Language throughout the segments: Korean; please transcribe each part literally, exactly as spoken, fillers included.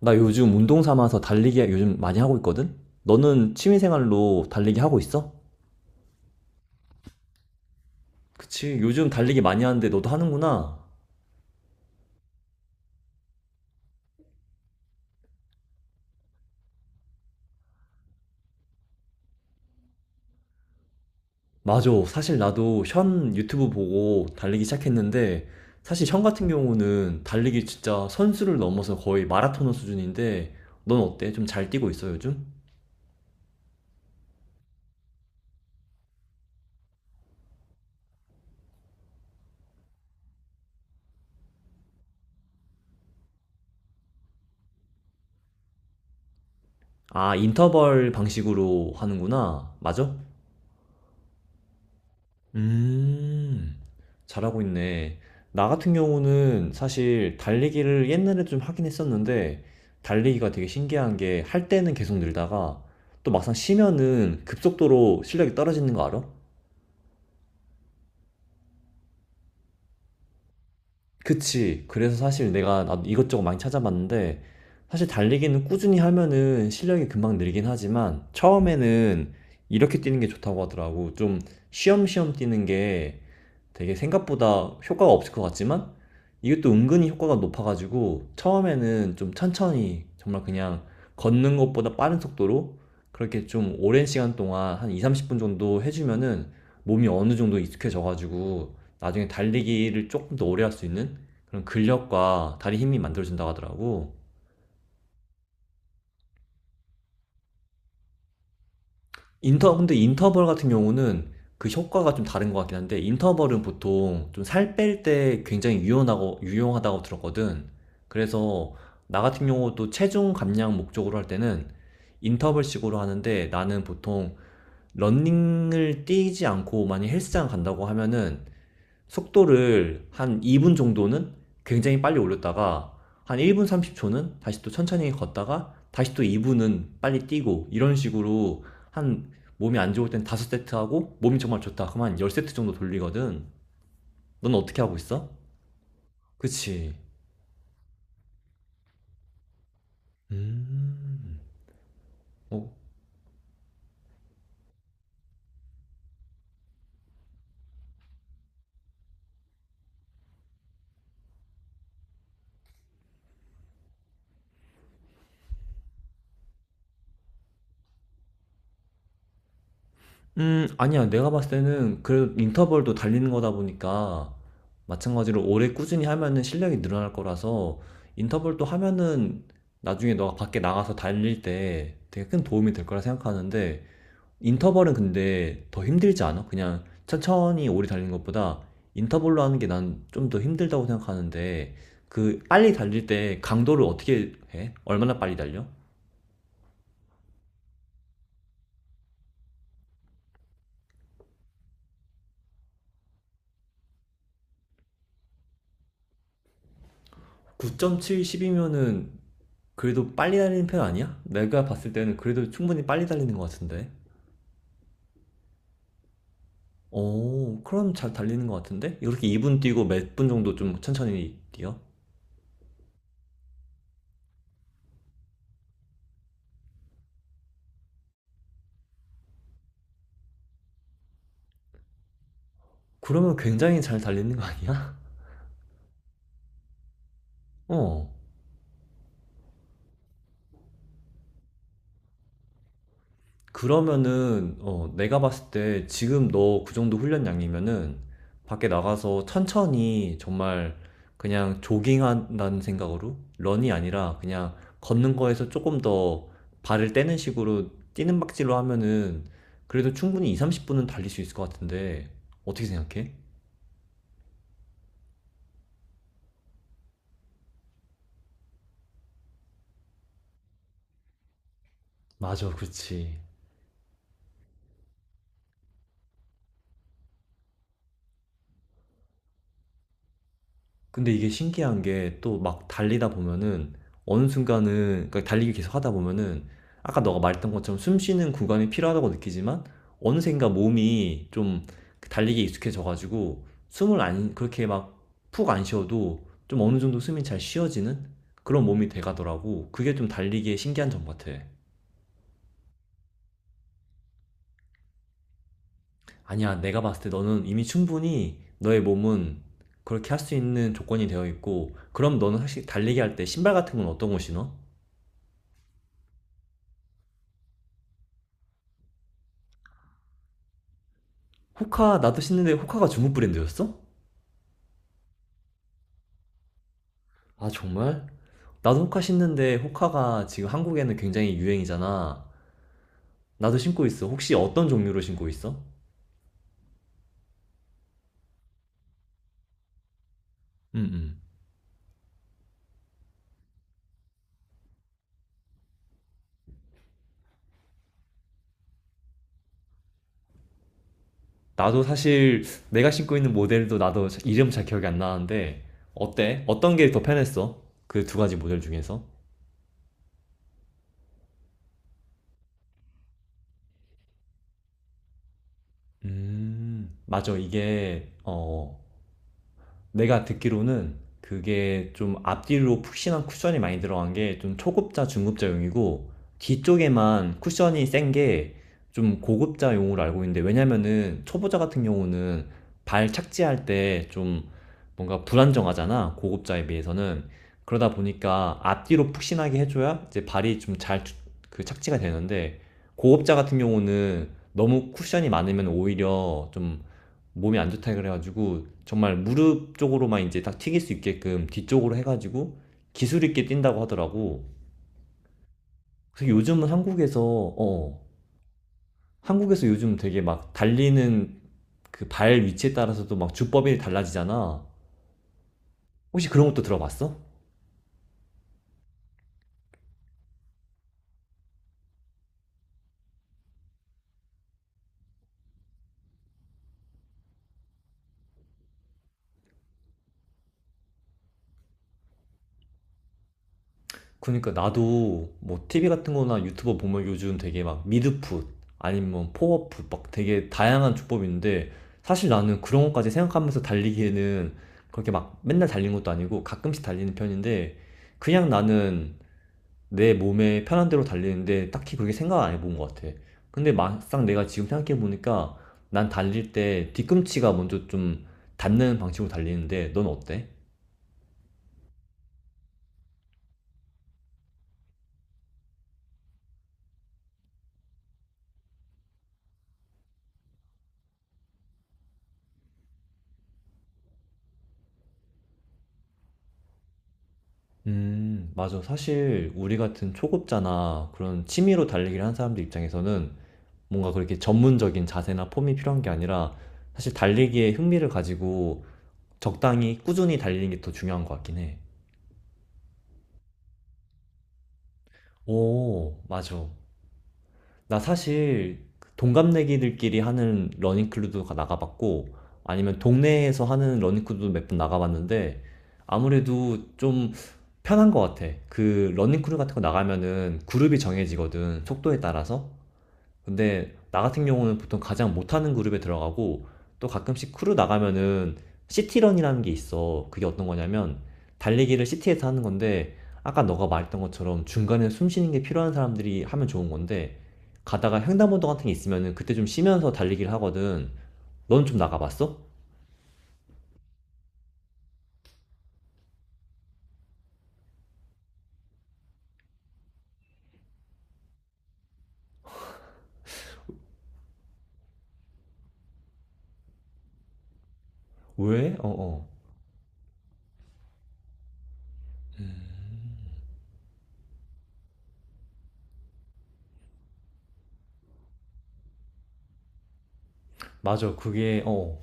나 요즘 운동 삼아서 달리기 요즘 많이 하고 있거든? 너는 취미생활로 달리기 하고 있어? 그치, 요즘 달리기 많이 하는데 너도 하는구나. 맞아. 사실 나도 현 유튜브 보고 달리기 시작했는데, 사실 현 같은 경우는 달리기 진짜 선수를 넘어서 거의 마라토너 수준인데, 넌 어때? 좀 잘 뛰고 있어, 요즘? 아, 인터벌 방식으로 하는구나. 맞아? 음, 잘하고 있네. 나 같은 경우는 사실 달리기를 옛날에 좀 하긴 했었는데, 달리기가 되게 신기한 게, 할 때는 계속 늘다가, 또 막상 쉬면은 급속도로 실력이 떨어지는 거 알아? 그치. 그래서 사실 내가 나도 이것저것 많이 찾아봤는데, 사실 달리기는 꾸준히 하면은 실력이 금방 늘긴 하지만, 처음에는 이렇게 뛰는 게 좋다고 하더라고. 좀 쉬엄쉬엄 뛰는 게 되게 생각보다 효과가 없을 것 같지만 이것도 은근히 효과가 높아가지고 처음에는 좀 천천히 정말 그냥 걷는 것보다 빠른 속도로 그렇게 좀 오랜 시간 동안 한 이, 삼십 분 정도 해주면은 몸이 어느 정도 익숙해져가지고 나중에 달리기를 조금 더 오래 할 수 있는 그런 근력과 다리 힘이 만들어진다고 하더라고. 인터, 근데 인터벌 같은 경우는 그 효과가 좀 다른 것 같긴 한데, 인터벌은 보통 좀 살 뺄 때 굉장히 유용하고, 유용하다고 들었거든. 그래서 나 같은 경우도 체중 감량 목적으로 할 때는 인터벌식으로 하는데, 나는 보통 러닝을 뛰지 않고 많이 헬스장 간다고 하면은 속도를 한 이 분 정도는 굉장히 빨리 올렸다가 한 일 분 삼십 초는 다시 또 천천히 걷다가 다시 또 이 분은 빨리 뛰고 이런 식으로 한 몸이 안 좋을 땐 다섯 세트 하고 몸이 정말 좋다. 그럼 한 열 세트 정도 돌리거든. 넌 어떻게 하고 있어? 그치. 음. 어, 음 아니야. 내가 봤을 때는 그래도 인터벌도 달리는 거다 보니까 마찬가지로 오래 꾸준히 하면은 실력이 늘어날 거라서 인터벌도 하면은 나중에 너가 밖에 나가서 달릴 때 되게 큰 도움이 될 거라 생각하는데 인터벌은 근데 더 힘들지 않아? 그냥 천천히 오래 달리는 것보다 인터벌로 하는 게 난 좀 더 힘들다고 생각하는데 그 빨리 달릴 때 강도를 어떻게 해? 얼마나 빨리 달려? 구 점 칠, 십이면은 그래도 빨리 달리는 편 아니야? 내가 봤을 때는 그래도 충분히 빨리 달리는 것 같은데. 어, 그럼 잘 달리는 것 같은데? 이렇게 이 분 뛰고 몇 분 정도 좀 천천히 뛰어? 그러면 굉장히 잘 달리는 거 아니야? 어. 그러면은 어, 내가 봤을 때 지금 너 그 정도 훈련 양이면은 밖에 나가서 천천히 정말 그냥 조깅한다는 생각으로 런이 아니라 그냥 걷는 거에서 조금 더 발을 떼는 식으로 뛰는 박질로 하면은 그래도 충분히 이, 삼십 분은 달릴 수 있을 것 같은데 어떻게 생각해? 맞아, 그렇지. 근데 이게 신기한 게 또 막 달리다 보면은 어느 순간은 그러니까 달리기 계속 하다 보면은 아까 너가 말했던 것처럼 숨 쉬는 구간이 필요하다고 느끼지만 어느샌가 몸이 좀 그 달리기에 익숙해져 가지고 숨을 안 그렇게 막 푹 안 쉬어도 좀 어느 정도 숨이 잘 쉬어지는 그런 몸이 돼 가더라고. 그게 좀 달리기의 신기한 점 같아. 아니야, 내가 봤을 때 너는 이미 충분히 너의 몸은 그렇게 할 수 있는 조건이 되어 있고 그럼 너는 사실 달리기 할 때 신발 같은 건 어떤 거 신어? 호카 나도 신는데 호카가 중국 브랜드였어? 아 정말? 나도 호카 신는데 호카가 지금 한국에는 굉장히 유행이잖아. 나도 신고 있어. 혹시 어떤 종류로 신고 있어? 음, 음. 나도 사실 내가 신고 있는 모델도 나도 자- 이름 잘 기억이 안 나는데 어때? 어떤 게 더 편했어? 그 두 가지 모델 중에서? 음, 맞아. 이게 어 내가 듣기로는 그게 좀 앞뒤로 푹신한 쿠션이 많이 들어간 게 좀 초급자, 중급자용이고 뒤쪽에만 쿠션이 센게 좀 고급자용으로 알고 있는데 왜냐면은 초보자 같은 경우는 발 착지할 때 좀 뭔가 불안정하잖아. 고급자에 비해서는. 그러다 보니까 앞뒤로 푹신하게 해줘야 이제 발이 좀 잘 그 착지가 되는데 고급자 같은 경우는 너무 쿠션이 많으면 오히려 좀 몸이 안 좋다 그래가지고 정말 무릎 쪽으로만 이제 딱 튀길 수 있게끔 뒤쪽으로 해가지고 기술 있게 뛴다고 하더라고. 그래서 요즘은 한국에서 어 한국에서 요즘 되게 막 달리는 그 발 위치에 따라서도 막 주법이 달라지잖아. 혹시 그런 것도 들어봤어? 그니까 나도 뭐 티비 같은 거나 유튜버 보면 요즘 되게 막 미드풋 아니면 뭐 포워풋 막 되게 다양한 조법이 있는데 사실 나는 그런 것까지 생각하면서 달리기에는 그렇게 막 맨날 달리는 것도 아니고 가끔씩 달리는 편인데 그냥 나는 내 몸에 편한 대로 달리는데 딱히 그렇게 생각 안 해본 것 같아. 근데 막상 내가 지금 생각해보니까 난 달릴 때 뒤꿈치가 먼저 좀 닿는 방식으로 달리는데 넌 어때? 음, 맞아. 사실 우리 같은 초급자나 그런 취미로 달리기를 한 사람들 입장에서는 뭔가 그렇게 전문적인 자세나 폼이 필요한 게 아니라 사실 달리기에 흥미를 가지고 적당히 꾸준히 달리는 게 더 중요한 것 같긴 해. 오, 맞아. 나 사실 동갑내기들끼리 하는 러닝크루도 가- 나가봤고 아니면 동네에서 하는 러닝크루도 몇 번 나가봤는데 아무래도 좀 편한 것 같아. 그 러닝크루 같은 거 나가면은 그룹이 정해지거든. 속도에 따라서. 근데 나 같은 경우는 보통 가장 못하는 그룹에 들어가고 또 가끔씩 크루 나가면은 시티런이라는 게 있어. 그게 어떤 거냐면 달리기를 시티에서 하는 건데 아까 너가 말했던 것처럼 중간에 숨 쉬는 게 필요한 사람들이 하면 좋은 건데 가다가 횡단보도 같은 게 있으면은 그때 좀 쉬면서 달리기를 하거든. 넌 좀 나가봤어? 왜? 어, 어. 맞아. 그게, 어.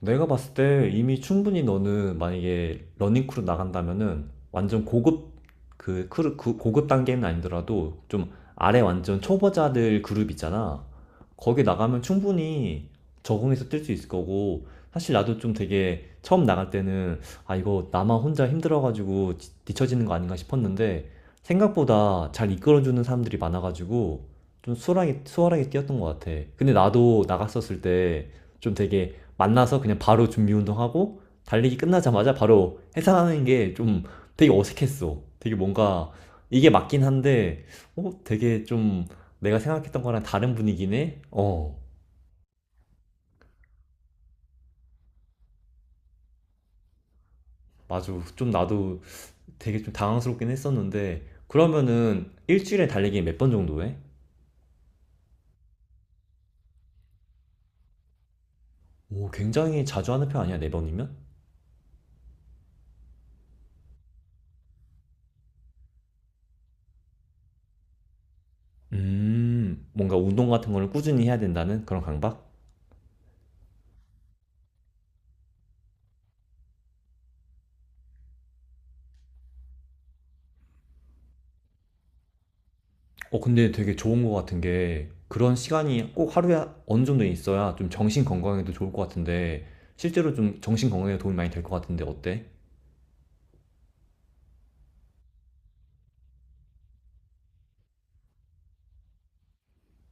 내가 봤을 때 이미 충분히 너는 만약에 러닝 크루 나간다면은 완전 고급 그 크루 그 고급 단계는 아니더라도 좀 아래 완전 초보자들 그룹 있잖아. 거기 나가면 충분히 적응해서 뛸 수 있을 거고 사실 나도 좀 되게 처음 나갈 때는 아 이거 나만 혼자 힘들어가지고 지- 뒤처지는 거 아닌가 싶었는데 생각보다 잘 이끌어주는 사람들이 많아가지고 좀 수월하게 수월하게 뛰었던 것 같아. 근데 나도 나갔었을 때 좀 되게 만나서 그냥 바로 준비 운동하고 달리기 끝나자마자 바로 해산하는 게 좀 되게 어색했어. 되게 뭔가 이게 맞긴 한데, 어, 되게 좀 내가 생각했던 거랑 다른 분위기네? 어, 맞아. 좀 나도 되게 좀 당황스럽긴 했었는데, 그러면은 일주일에 달리기 몇 번 정도 해? 오, 굉장히 자주 하는 편 아니야, 네 번이면? 음, 뭔가 운동 같은 거를 꾸준히 해야 된다는 그런 강박? 어, 근데 되게 좋은 것 같은 게 그런 시간이 꼭 하루에 어느 정도 있어야 좀 정신 건강에도 좋을 것 같은데 실제로 좀 정신 건강에 도움이 많이 될 것 같은데 어때?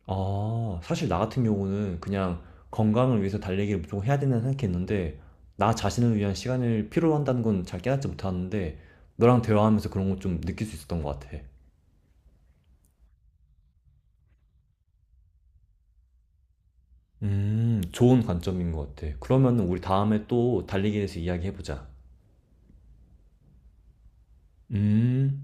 아, 사실 나 같은 경우는 그냥 건강을 위해서 달리기를 무조건 해야 된다는 생각했는데 나 자신을 위한 시간을 필요로 한다는 건 잘 깨닫지 못하는데 너랑 대화하면서 그런 거 좀 느낄 수 있었던 것 같아. 음, 좋은 관점인 것 같아. 그러면 우리 다음에 또 달리기에 대해서 이야기해보자. 음.